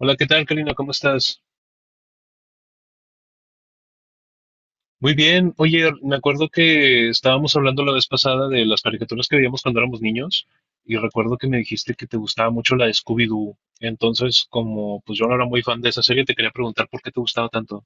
Hola, ¿qué tal, Karina? ¿Cómo estás? Muy bien. Oye, me acuerdo que estábamos hablando la vez pasada de las caricaturas que veíamos cuando éramos niños y recuerdo que me dijiste que te gustaba mucho la de Scooby-Doo. Entonces, como pues yo no era muy fan de esa serie, te quería preguntar por qué te gustaba tanto.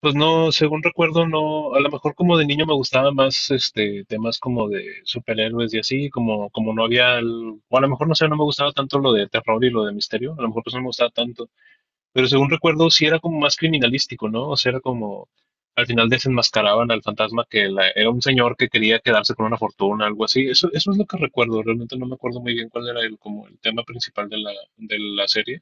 Pues no, según recuerdo, no, a lo mejor como de niño me gustaba más este temas como de superhéroes y así, como no había, o a lo mejor no sé, no me gustaba tanto lo de terror y lo de misterio, a lo mejor pues no me gustaba tanto. Pero según recuerdo, sí era como más criminalístico, ¿no? O sea, era como, al final desenmascaraban al fantasma era un señor que quería quedarse con una fortuna, algo así. Eso es lo que recuerdo. Realmente no me acuerdo muy bien cuál era el, como el tema principal de la serie.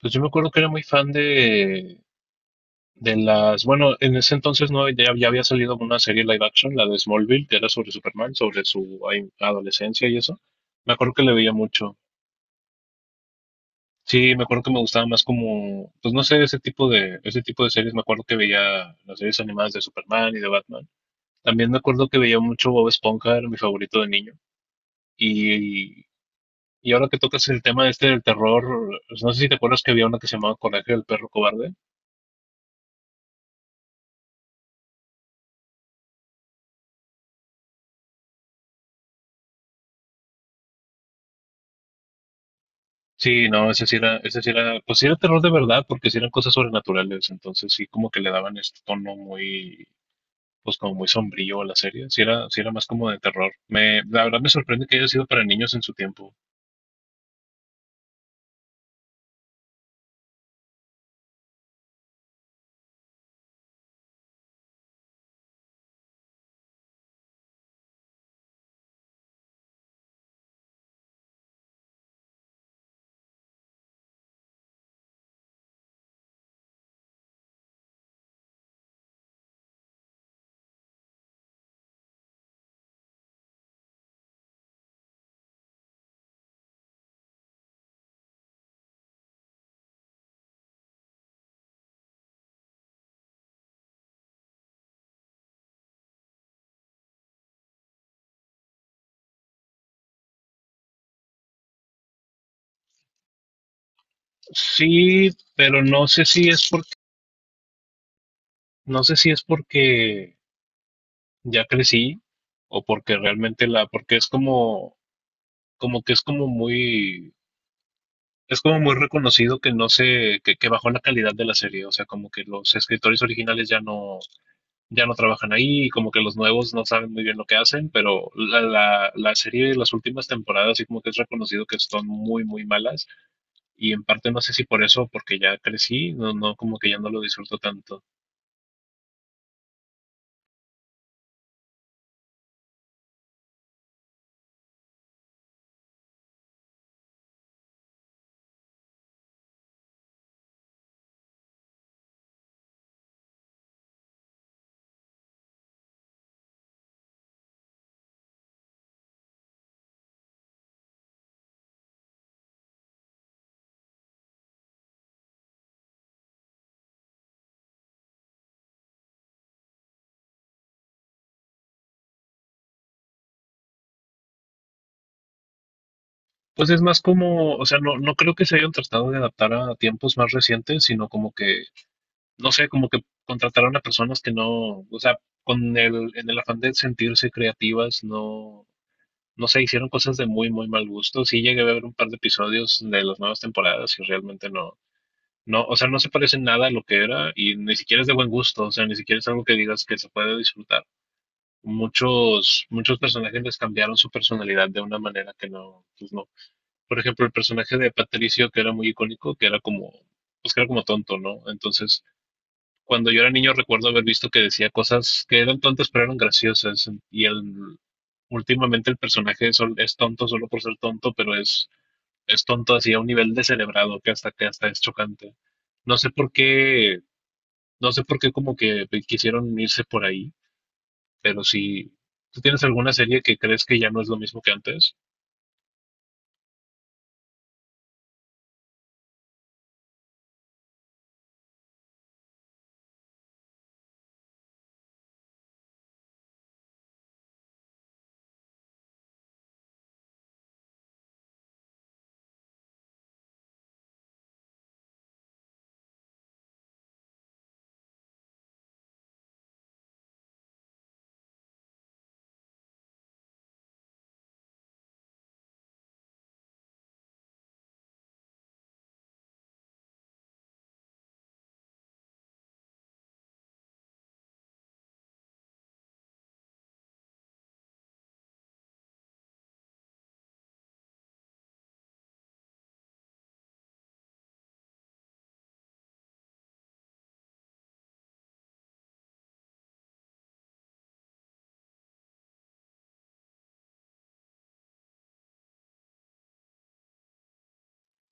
Pues yo me acuerdo que era muy fan de las, bueno, en ese entonces no, ya había salido una serie live action, la de Smallville, que era sobre Superman, sobre su ay, adolescencia y eso. Me acuerdo que le veía mucho. Sí, me acuerdo que me gustaba más como, pues no sé, ese tipo ese tipo de series. Me acuerdo que veía las series animadas de Superman y de Batman. También me acuerdo que veía mucho Bob Esponja, era mi favorito de niño. Y, y ahora que tocas el tema este del terror, pues, no sé si te acuerdas que había una que se llamaba Coraje del perro cobarde. Sí, no, ese sí era, pues sí era terror de verdad, porque sí eran cosas sobrenaturales. Entonces sí como que le daban este tono muy, pues como muy sombrío a la serie. Sí era más como de terror. Me, la verdad me sorprende que haya sido para niños en su tiempo. Sí, pero no sé si es porque ya crecí o porque realmente la, porque es como, como que es como muy reconocido que no se, que bajó la calidad de la serie, o sea, como que los escritores originales ya no, ya no trabajan ahí, y como que los nuevos no saben muy bien lo que hacen, pero la serie de las últimas temporadas, así como que es reconocido que son muy, muy malas, y en parte no sé si por eso, porque ya crecí, no, no, como que ya no lo disfruto tanto. Pues es más como, o sea, no, no creo que se hayan tratado de adaptar a tiempos más recientes, sino como que, no sé, como que contrataron a personas que no, o sea, con el, en el afán de sentirse creativas, no, no sé, hicieron cosas de muy, muy mal gusto. Sí llegué a ver un par de episodios de las nuevas temporadas y realmente no, no, o sea, no se parece nada a lo que era y ni siquiera es de buen gusto, o sea, ni siquiera es algo que digas que se puede disfrutar. Muchos, muchos personajes les cambiaron su personalidad de una manera que no, pues no, por ejemplo, el personaje de Patricio, que era muy icónico, que era como, pues que era como tonto, ¿no? Entonces, cuando yo era niño recuerdo haber visto que decía cosas que eran tontas pero eran graciosas. Últimamente el personaje es tonto solo por ser tonto, es tonto así a un nivel descerebrado que hasta es chocante. No sé por qué, no sé por qué como que quisieron irse por ahí, pero si ¿tú tienes alguna serie que crees que ya no es lo mismo que antes?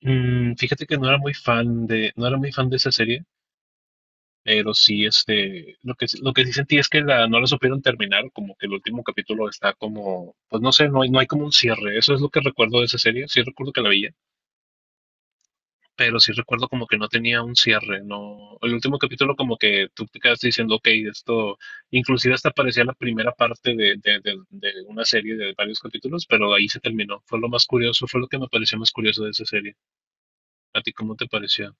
Mm, fíjate que no era muy fan de, no era muy fan de esa serie. Pero sí, este, lo que sí sentí es que la, no la supieron terminar, como que el último capítulo está como, pues no sé, no hay como un cierre, eso es lo que recuerdo de esa serie, sí recuerdo que la veía, pero sí recuerdo como que no tenía un cierre, no, el último capítulo como que tú te quedas diciendo, ok, esto, inclusive hasta parecía la primera parte de una serie de varios capítulos, pero ahí se terminó, fue lo más curioso, fue lo que me pareció más curioso de esa serie, ¿a ti cómo te pareció?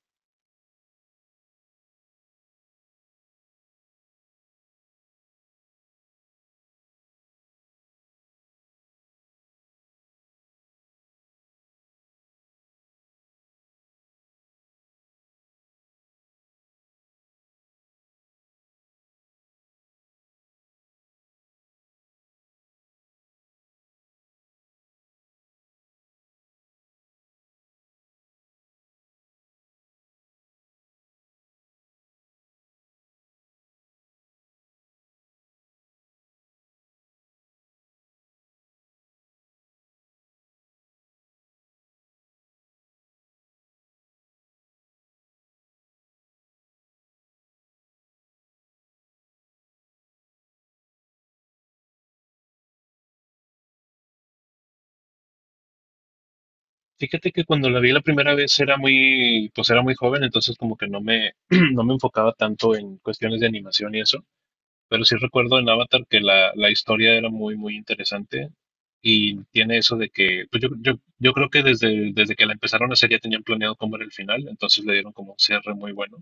Fíjate que cuando la vi la primera vez era muy, pues era muy joven, entonces como que no me, no me enfocaba tanto en cuestiones de animación y eso, pero sí recuerdo en Avatar que la historia era muy, muy interesante y tiene eso de que, pues yo creo que desde, desde que la empezaron a hacer ya tenían planeado cómo era el final, entonces le dieron como un cierre muy bueno.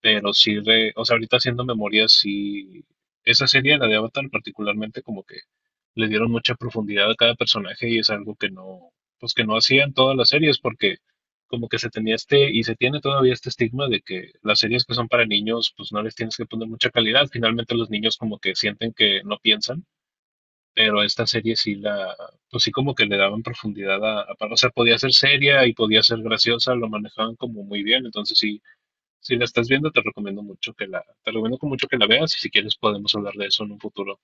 Pero sí, o sea, ahorita haciendo memoria, sí, esa serie, la de Avatar, particularmente, como que le dieron mucha profundidad a cada personaje y es algo que no, pues que no hacían todas las series, porque como que se tenía este, y se tiene todavía este estigma de que las series que son para niños, pues no les tienes que poner mucha calidad. Finalmente los niños como que sienten que no piensan, pero a esta serie sí la, pues sí como que le daban profundidad a, o sea, podía ser seria y podía ser graciosa, lo manejaban como muy bien, entonces sí si la estás viendo, te recomiendo mucho que la, te recomiendo con mucho que la veas y si quieres podemos hablar de eso en un futuro.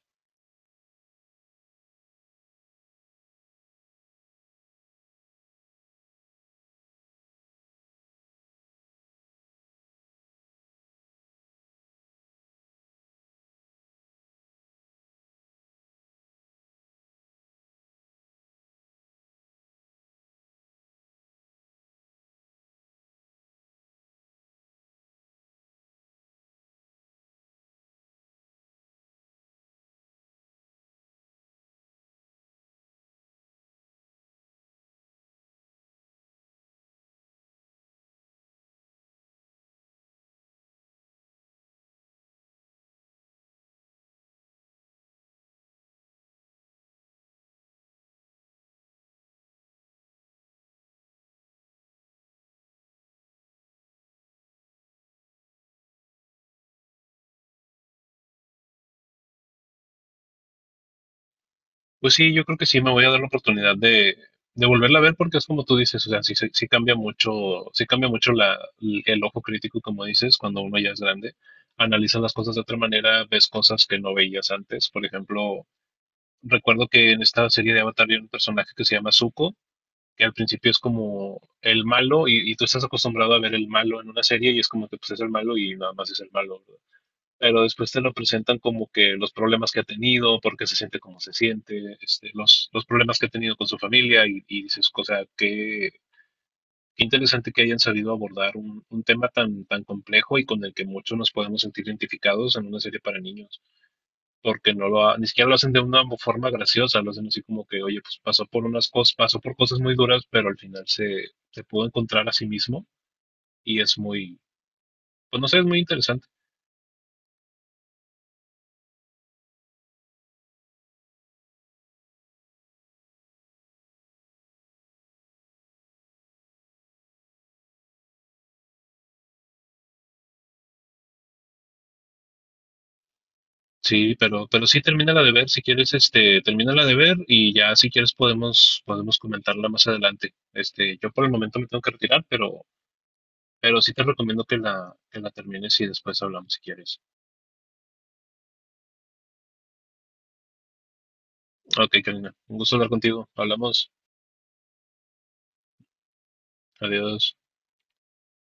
Pues sí, yo creo que sí me voy a dar la oportunidad de volverla a ver porque es como tú dices, o sea, sí, sí, sí cambia mucho la, el ojo crítico, como dices, cuando uno ya es grande, analiza las cosas de otra manera, ves cosas que no veías antes. Por ejemplo, recuerdo que en esta serie de Avatar hay un personaje que se llama Zuko, que al principio es como el malo y tú estás acostumbrado a ver el malo en una serie y es como que pues es el malo y nada más es el malo, pero después te lo presentan como que los problemas que ha tenido, por qué se siente como se siente, este, los problemas que ha tenido con su familia y dices, o sea, qué, qué interesante que hayan sabido abordar un tema tan, tan complejo y con el que muchos nos podemos sentir identificados en una serie para niños, porque ni siquiera lo hacen de una forma graciosa, lo hacen así como que, oye, pues pasó por unas cosas, pasó por cosas muy duras, pero al final se pudo encontrar a sí mismo y es muy, pues no sé, es muy interesante. Sí, pero sí termínala de ver, si quieres, este, termínala de ver y ya si quieres podemos comentarla más adelante. Este, yo por el momento me tengo que retirar, pero sí te recomiendo que la termines y después hablamos si quieres. Ok, Karina, un gusto hablar contigo. Hablamos. Adiós.